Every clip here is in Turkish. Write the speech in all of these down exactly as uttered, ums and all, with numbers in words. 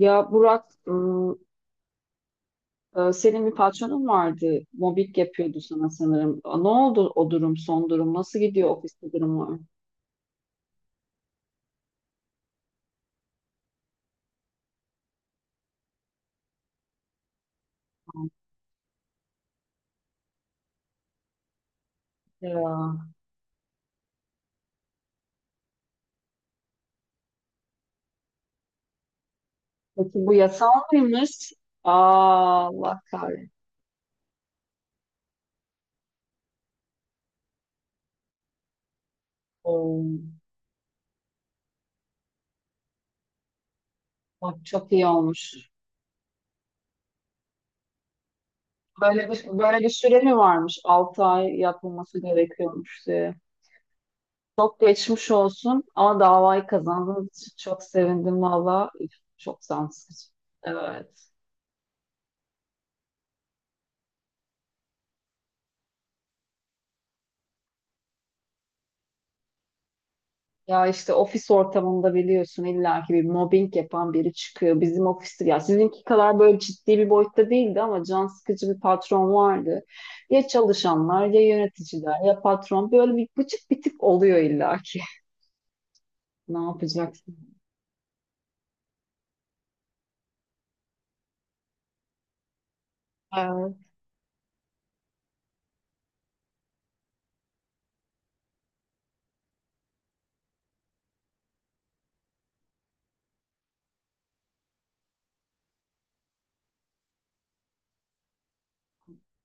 Ya Burak, ıı, ıı, senin bir patronun vardı. Mobbing yapıyordu sana sanırım. Ne oldu o durum, son durum? Nasıl gidiyor ofiste durumlar? Ya. Peki bu yasal mıymış? Aa, Allah kahretsin. Oo, bak çok iyi olmuş. Böyle bir, böyle bir süre mi varmış? altı ay yapılması gerekiyormuş diye. Çok geçmiş olsun ama davayı kazandığınız için çok sevindim valla. Üf, çok can sıkıcı. Evet. Ya işte ofis ortamında biliyorsun illaki bir mobbing yapan biri çıkıyor. Bizim ofiste ya sizinki kadar böyle ciddi bir boyutta değildi ama can sıkıcı bir patron vardı. Ya çalışanlar ya yöneticiler ya patron böyle bir bıcık bir tip oluyor illaki. Ne yapacaksın? Evet.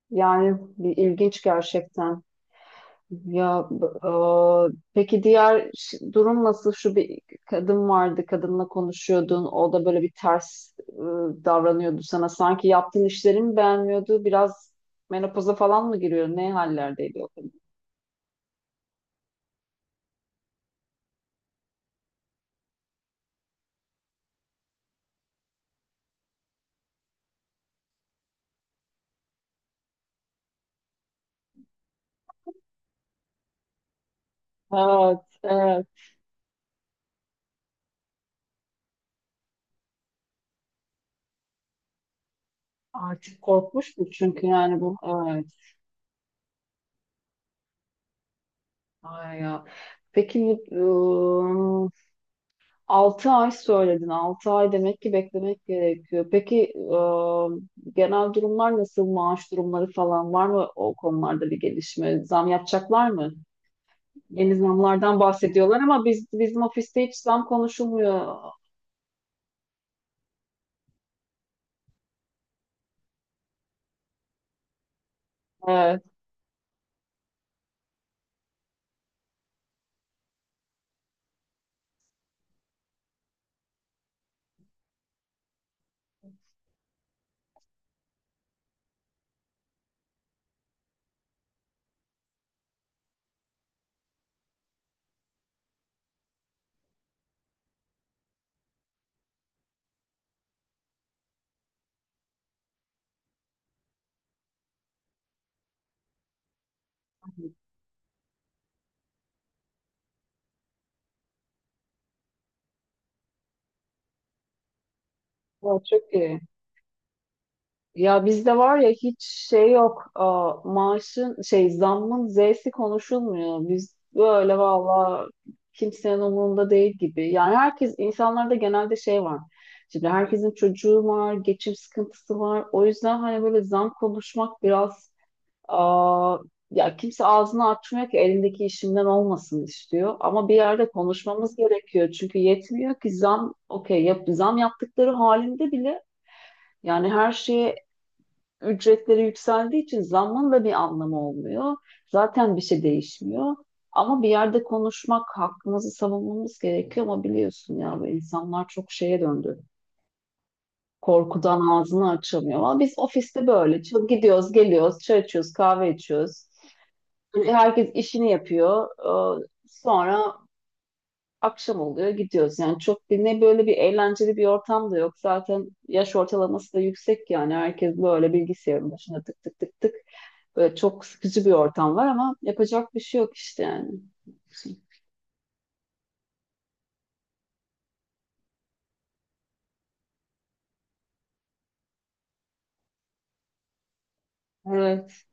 Yani bir ilginç gerçekten. Ya b- o, peki diğer ş- durum nasıl? Şu bir kadın vardı, kadınla konuşuyordun. O da böyle bir ters e, davranıyordu sana. Sanki yaptığın işleri mi beğenmiyordu? Biraz menopoza falan mı giriyor? Ne hallerdeydi o kadın? Evet, evet. Artık korkmuş mu? Çünkü yani bu evet. Ay ya. Peki, e, altı ay söyledin. Altı ay demek ki beklemek gerekiyor. Peki e, genel durumlar nasıl? Maaş durumları falan var mı o konularda bir gelişme? Zam yapacaklar mı? Yeni zamlardan bahsediyorlar ama biz bizim ofiste hiç zam konuşulmuyor. Evet, o çok iyi. Ya bizde var ya hiç şey yok. Aa, maaşın şey zammın Z'si konuşulmuyor. Biz böyle valla kimsenin umurunda değil gibi. Yani herkes insanlarda genelde şey var. Şimdi herkesin çocuğu var, geçim sıkıntısı var. O yüzden hani böyle zam konuşmak biraz, aa, ya kimse ağzını açmıyor ki elindeki işimden olmasın istiyor. Ama bir yerde konuşmamız gerekiyor. Çünkü yetmiyor ki zam okey yap, zam yaptıkları halinde bile yani her şeye ücretleri yükseldiği için zammın da bir anlamı olmuyor. Zaten bir şey değişmiyor. Ama bir yerde konuşmak, hakkımızı savunmamız gerekiyor ama biliyorsun ya bu insanlar çok şeye döndü. Korkudan ağzını açamıyor. Ama biz ofiste böyle çıl- gidiyoruz, geliyoruz, çay içiyoruz, kahve içiyoruz. Herkes işini yapıyor. Ee, Sonra akşam oluyor gidiyoruz. Yani çok bir ne böyle bir eğlenceli bir ortam da yok. Zaten yaş ortalaması da yüksek yani herkes böyle bilgisayarın başında tık tık tık tık. Böyle çok sıkıcı bir ortam var ama yapacak bir şey yok işte yani. Evet,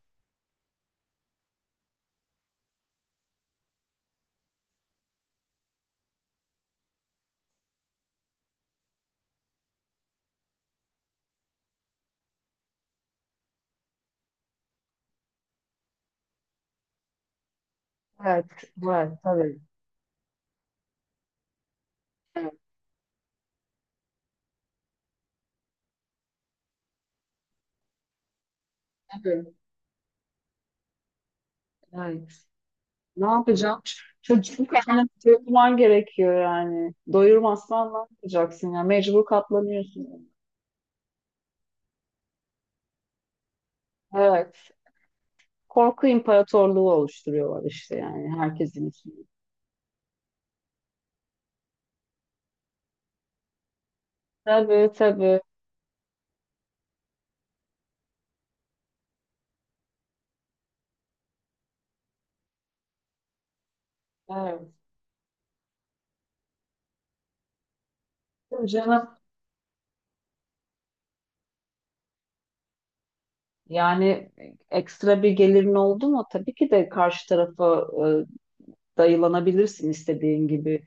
evet, var tabii. Evet, tabii. Evet. Ne yapacağım? Çocuğun karnını doyurman gerekiyor yani. Doyurmazsan ne yapacaksın ya? Mecbur katlanıyorsun. Evet. Korku imparatorluğu oluşturuyorlar işte yani herkesin içinde. Tabii tabii. Evet. Tabii canım. Yani e, ekstra bir gelirin oldu mu tabii ki de karşı tarafa e, dayılanabilirsin istediğin gibi.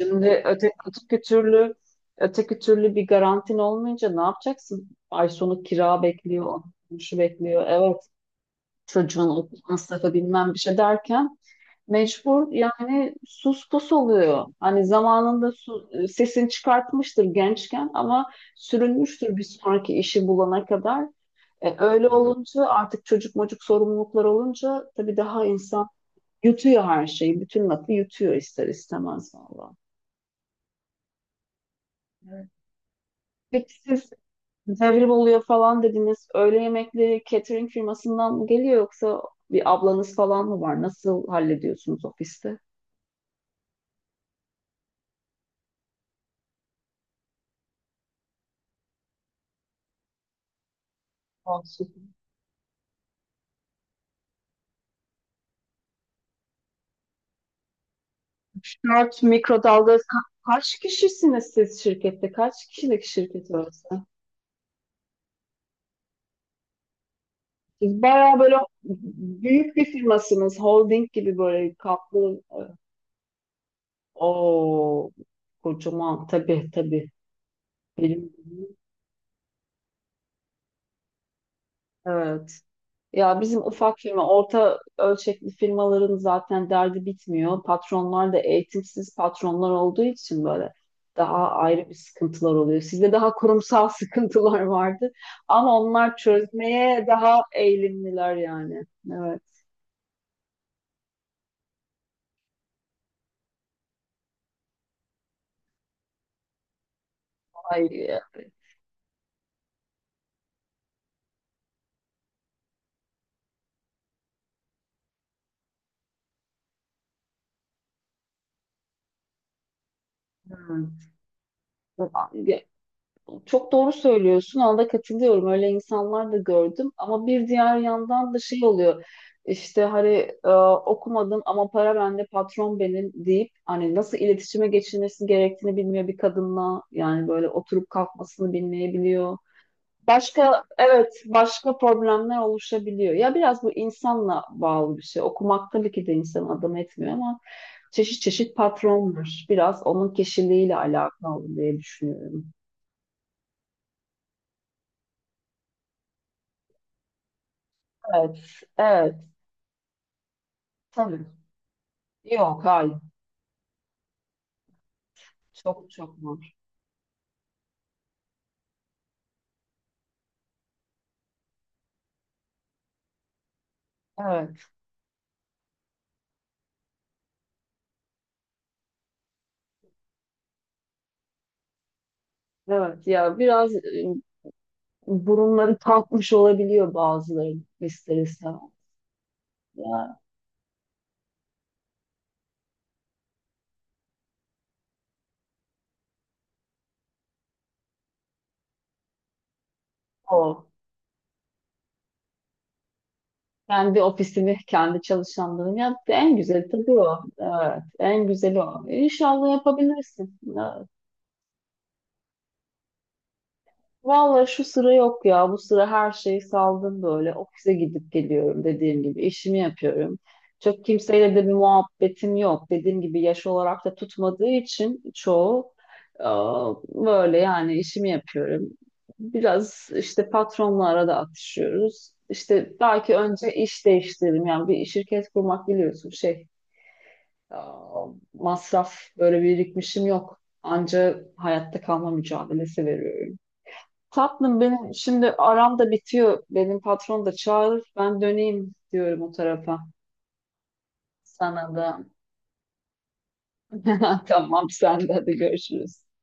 Şimdi öte, öteki türlü öteki türlü bir garantin olmayınca ne yapacaksın? Ay sonu kira bekliyor, şu bekliyor. Evet, çocuğun okul masrafı bilmem bir şey derken mecbur yani sus pus oluyor. Hani zamanında su, e, sesini çıkartmıştır gençken ama sürünmüştür bir sonraki işi bulana kadar. E, öyle olunca artık çocuk mocuk sorumluluklar olunca tabii daha insan yutuyor her şeyi. Bütün lafı yutuyor ister istemez valla. Evet. Peki siz devrim oluyor falan dediniz. Öğle yemekleri catering firmasından mı geliyor yoksa bir ablanız falan mı var? Nasıl hallediyorsunuz ofiste? Olsun. Dört mikrodalga. Ka- kaç kişisiniz siz şirkette? Kaç kişilik şirket orası? Siz bayağı böyle büyük bir firmasınız. Holding gibi böyle kaplı. e, O kocaman tabii tabii. Benim, evet. Ya bizim ufak firma, orta ölçekli firmaların zaten derdi bitmiyor. Patronlar da eğitimsiz patronlar olduğu için böyle daha ayrı bir sıkıntılar oluyor. Sizde daha kurumsal sıkıntılar vardı ama onlar çözmeye daha eğilimliler yani. Evet. Ay, evet. Çok doğru söylüyorsun. Ona da katılıyorum. Öyle insanlar da gördüm. Ama bir diğer yandan da şey oluyor. İşte hani e, okumadım ama para bende, patron benim deyip hani nasıl iletişime geçilmesi gerektiğini bilmiyor bir kadınla. Yani böyle oturup kalkmasını bilmeyebiliyor. Başka evet başka problemler oluşabiliyor. Ya biraz bu insanla bağlı bir şey. Okumak tabii ki de insanı adam etmiyor ama çeşit çeşit patron var. Biraz onun kişiliğiyle alakalı diye düşünüyorum. Evet, evet. Tabii. Yok, hayır. Çok çok var. Evet, evet. Ya biraz e, burunları kalkmış olabiliyor bazılarının ister istemez. Ya o. Kendi ofisini, kendi çalışanlarını yaptı. En güzeli tabii o. Evet, en güzeli o. İnşallah yapabilirsin. Vallahi şu sıra yok ya. Bu sıra her şeyi saldım böyle. Ofise gidip geliyorum dediğim gibi. İşimi yapıyorum. Çok kimseyle de bir muhabbetim yok. Dediğim gibi yaş olarak da tutmadığı için çoğu, aa, böyle yani işimi yapıyorum. Biraz işte patronla arada atışıyoruz. İşte belki önce iş değiştiririm. Yani bir şirket kurmak biliyorsun şey, aa, masraf böyle birikmişim yok. Anca hayatta kalma mücadelesi veriyorum. Tatlım benim şimdi aram da bitiyor. Benim patron da çağırır. Ben döneyim diyorum o tarafa. Sana da. Tamam sen de hadi görüşürüz.